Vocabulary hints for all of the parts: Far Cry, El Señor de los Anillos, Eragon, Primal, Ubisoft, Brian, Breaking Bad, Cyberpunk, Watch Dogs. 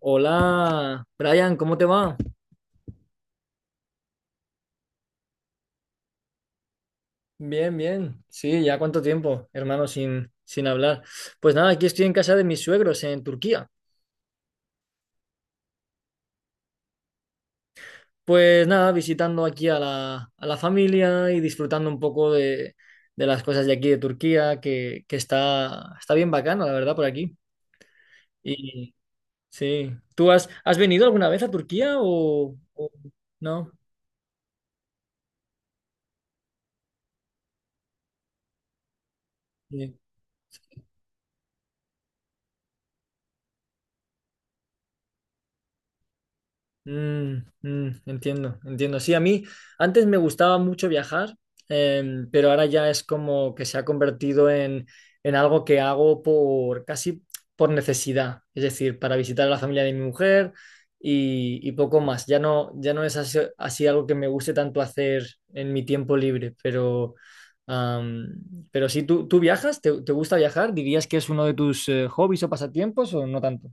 Hola, Brian, ¿cómo te va? Bien, bien. Sí, ya cuánto tiempo, hermano, sin hablar. Pues nada, aquí estoy en casa de mis suegros en Turquía. Pues nada, visitando aquí a la familia y disfrutando un poco de las cosas de aquí de Turquía, que está bien bacano, la verdad, por aquí. Y sí, ¿tú has venido alguna vez a Turquía o no? Sí. Mm, Entiendo, entiendo. Sí, a mí antes me gustaba mucho viajar, pero ahora ya es como que se ha convertido en algo que hago por casi por necesidad, es decir, para visitar a la familia de mi mujer y poco más. Ya no, ya no es así algo que me guste tanto hacer en mi tiempo libre, am, pero sí, ¿tú viajas? ¿Te gusta viajar? ¿Dirías que es uno de tus hobbies o pasatiempos o no tanto?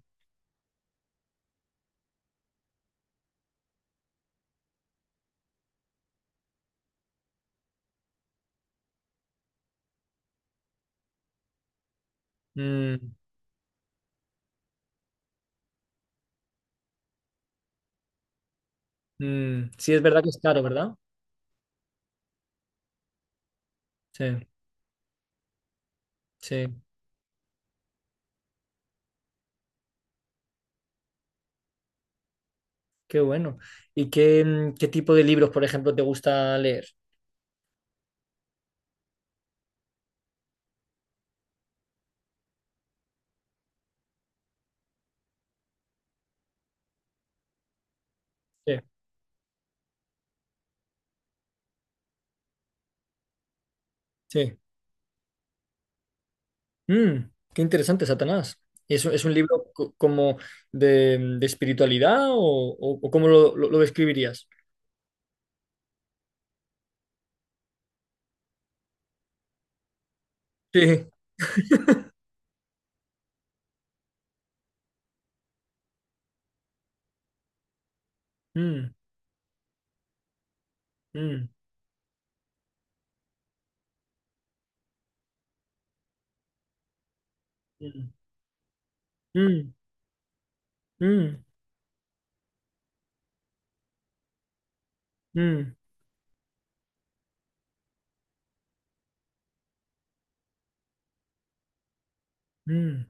Mm, mm, sí, es verdad que es caro, ¿verdad? Sí, sí, qué bueno. ¿Y qué tipo de libros, por ejemplo, te gusta leer? Sí, sí. Qué interesante, Satanás. ¿Es un libro como de espiritualidad o cómo lo describirías? Sí. Mm, mm, mm, mm, mm, mm, mm.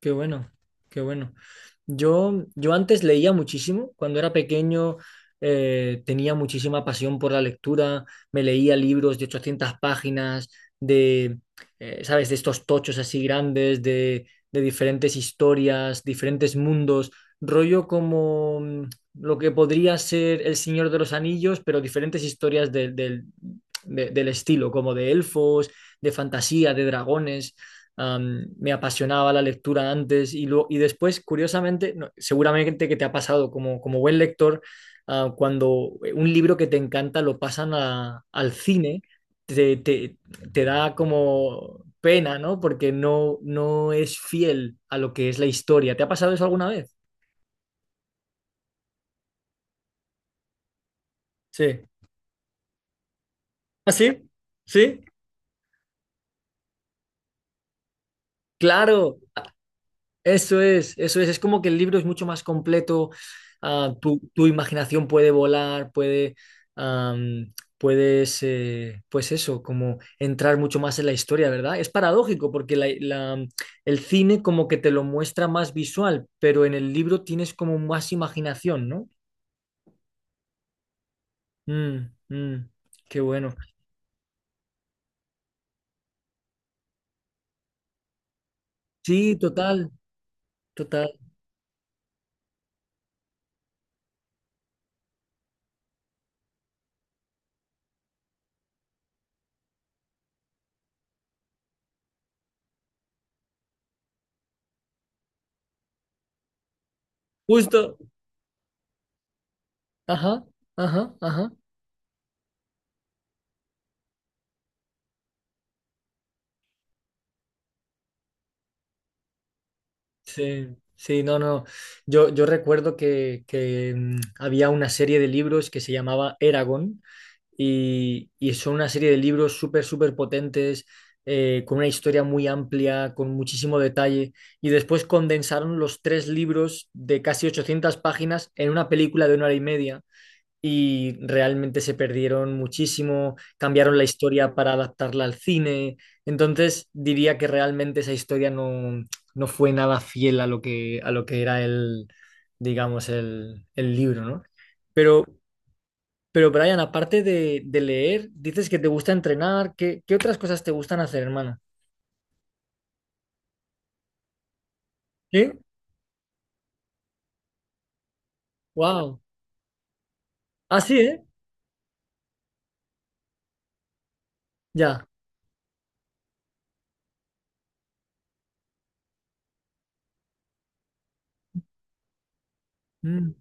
Qué bueno, qué bueno. Yo antes leía muchísimo. Cuando era pequeño tenía muchísima pasión por la lectura. Me leía libros de 800 páginas, de, ¿sabes? De estos tochos así grandes, de diferentes historias, diferentes mundos. Rollo como lo que podría ser El Señor de los Anillos, pero diferentes historias del estilo, como de elfos, de fantasía, de dragones. Me apasionaba la lectura antes y después, curiosamente, seguramente que te ha pasado como buen lector, cuando un libro que te encanta lo pasan al cine, te, te- te da como pena, ¿no? Porque no es fiel a lo que es la historia. ¿Te ha pasado eso alguna vez? Sí. ¿Ah, sí? ¿Sí? Claro. Eso es, eso es. Es como que el libro es mucho más completo. Tu imaginación puede volar, am, puedes, pues eso, como entrar mucho más en la historia, ¿verdad? Es paradójico porque el cine como que te lo muestra más visual, pero en el libro tienes como más imaginación, ¿no? Mm, mm, Qué bueno. Sí, total, total. Justo. Ajá, ajá, ajá. Sí, sí, no, no. Yo recuerdo que había una serie de libros que se llamaba Eragon y son una serie de libros súper, súper potentes, con una historia muy amplia, con muchísimo detalle. Y después condensaron los tres libros de casi 800 páginas en una película de una hora y media y realmente se perdieron muchísimo, cambiaron la historia para adaptarla al cine, entonces diría que realmente esa historia no fue nada fiel a lo que era digamos, el libro, ¿no? Pero, pero Brian, aparte de leer, dices que te gusta entrenar, ¿qué otras cosas te gustan hacer, hermano? ¿Sí? Wow. Ah, sí, ¿eh? Ya. Mm,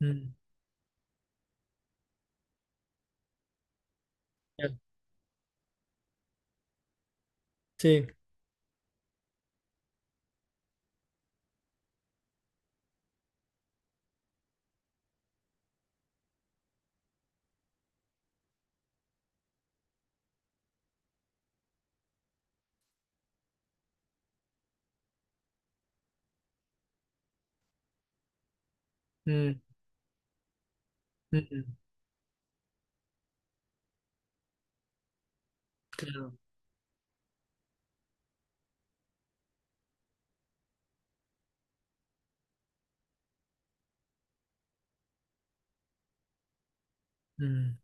mm, ya. Sí. Mm, mm, mm, claro. Mm,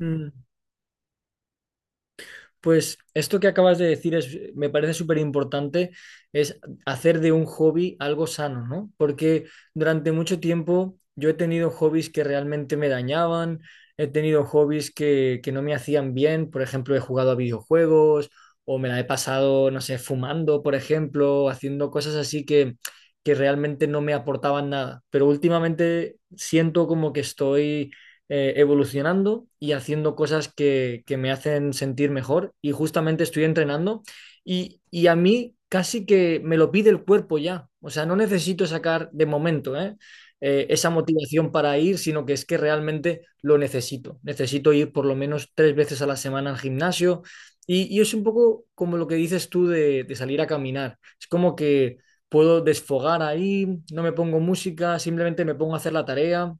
mm. Pues esto que acabas de decir me parece súper importante, es hacer de un hobby algo sano, ¿no? Porque durante mucho tiempo yo he tenido hobbies que realmente me dañaban, he tenido hobbies que no me hacían bien, por ejemplo, he jugado a videojuegos o me la he pasado, no sé, fumando, por ejemplo, haciendo cosas así que realmente no me aportaban nada. Pero últimamente siento como que estoy evolucionando y haciendo cosas que me hacen sentir mejor y justamente estoy entrenando y a mí casi que me lo pide el cuerpo ya, o sea, no necesito sacar de momento, ¿eh? Esa motivación para ir, sino que es que realmente lo necesito, necesito ir por lo menos tres veces a la semana al gimnasio y es un poco como lo que dices tú de salir a caminar, es como que puedo desfogar ahí, no me pongo música, simplemente me pongo a hacer la tarea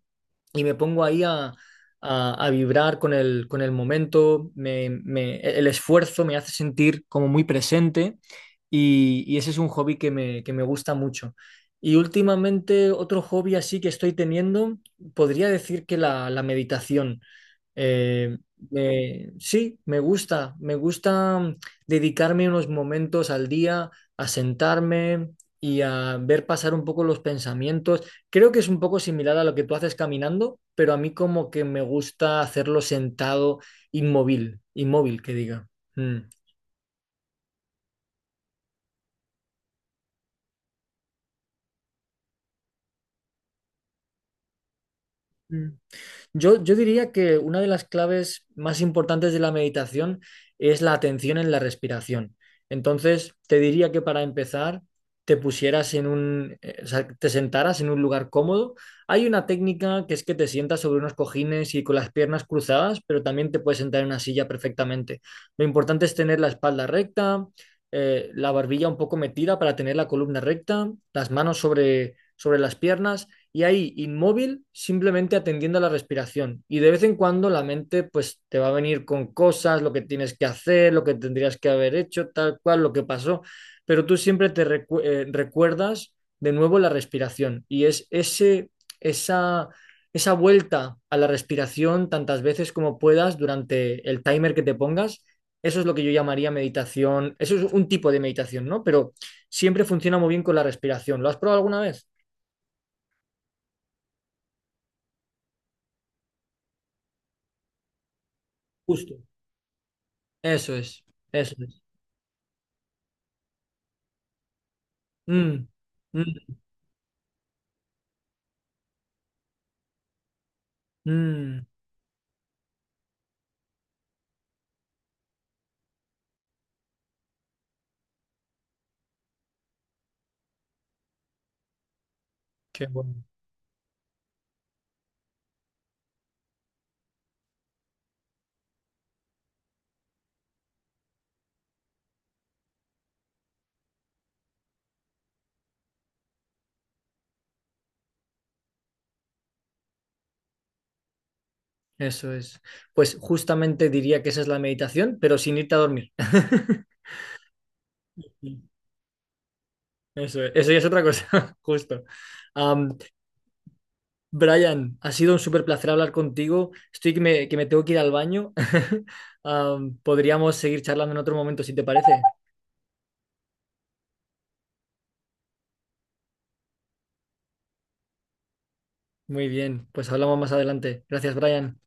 y me pongo ahí a vibrar con el momento, el esfuerzo me hace sentir como muy presente y ese es un hobby que me gusta mucho. Y últimamente otro hobby así que estoy teniendo, podría decir que la meditación. Eh, sí, me gusta dedicarme unos momentos al día a sentarme y a ver pasar un poco los pensamientos. Creo que es un poco similar a lo que tú haces caminando, pero a mí como que me gusta hacerlo sentado, inmóvil, inmóvil, que diga. Mm. Mm. Yo diría que una de las claves más importantes de la meditación es la atención en la respiración. Entonces, te diría que para empezar, te pusieras o sea, te sentaras en un lugar cómodo. Hay una técnica que es que te sientas sobre unos cojines y con las piernas cruzadas, pero también te puedes sentar en una silla perfectamente. Lo importante es tener la espalda recta, la barbilla un poco metida para tener la columna recta, las manos sobre las piernas y ahí inmóvil, simplemente atendiendo a la respiración. Y de vez en cuando la mente pues te va a venir con cosas, lo que tienes que hacer, lo que tendrías que haber hecho, tal cual, lo que pasó, pero tú siempre te recuerdas de nuevo la respiración y es esa, esa vuelta a la respiración tantas veces como puedas durante el timer que te pongas. Eso es lo que yo llamaría meditación. Eso es un tipo de meditación, ¿no? Pero siempre funciona muy bien con la respiración. ¿Lo has probado alguna vez? Justo. Eso es, eso es. Mm, mm, mm, Qué bueno. Eso es. Pues justamente diría que esa es la meditación, pero sin irte a dormir. Eso es, eso ya es otra cosa, justo. Am, Brian, ha sido un súper placer hablar contigo. Estoy que me tengo que ir al baño. Podríamos seguir charlando en otro momento, si te parece. Muy bien, pues hablamos más adelante. Gracias, Brian.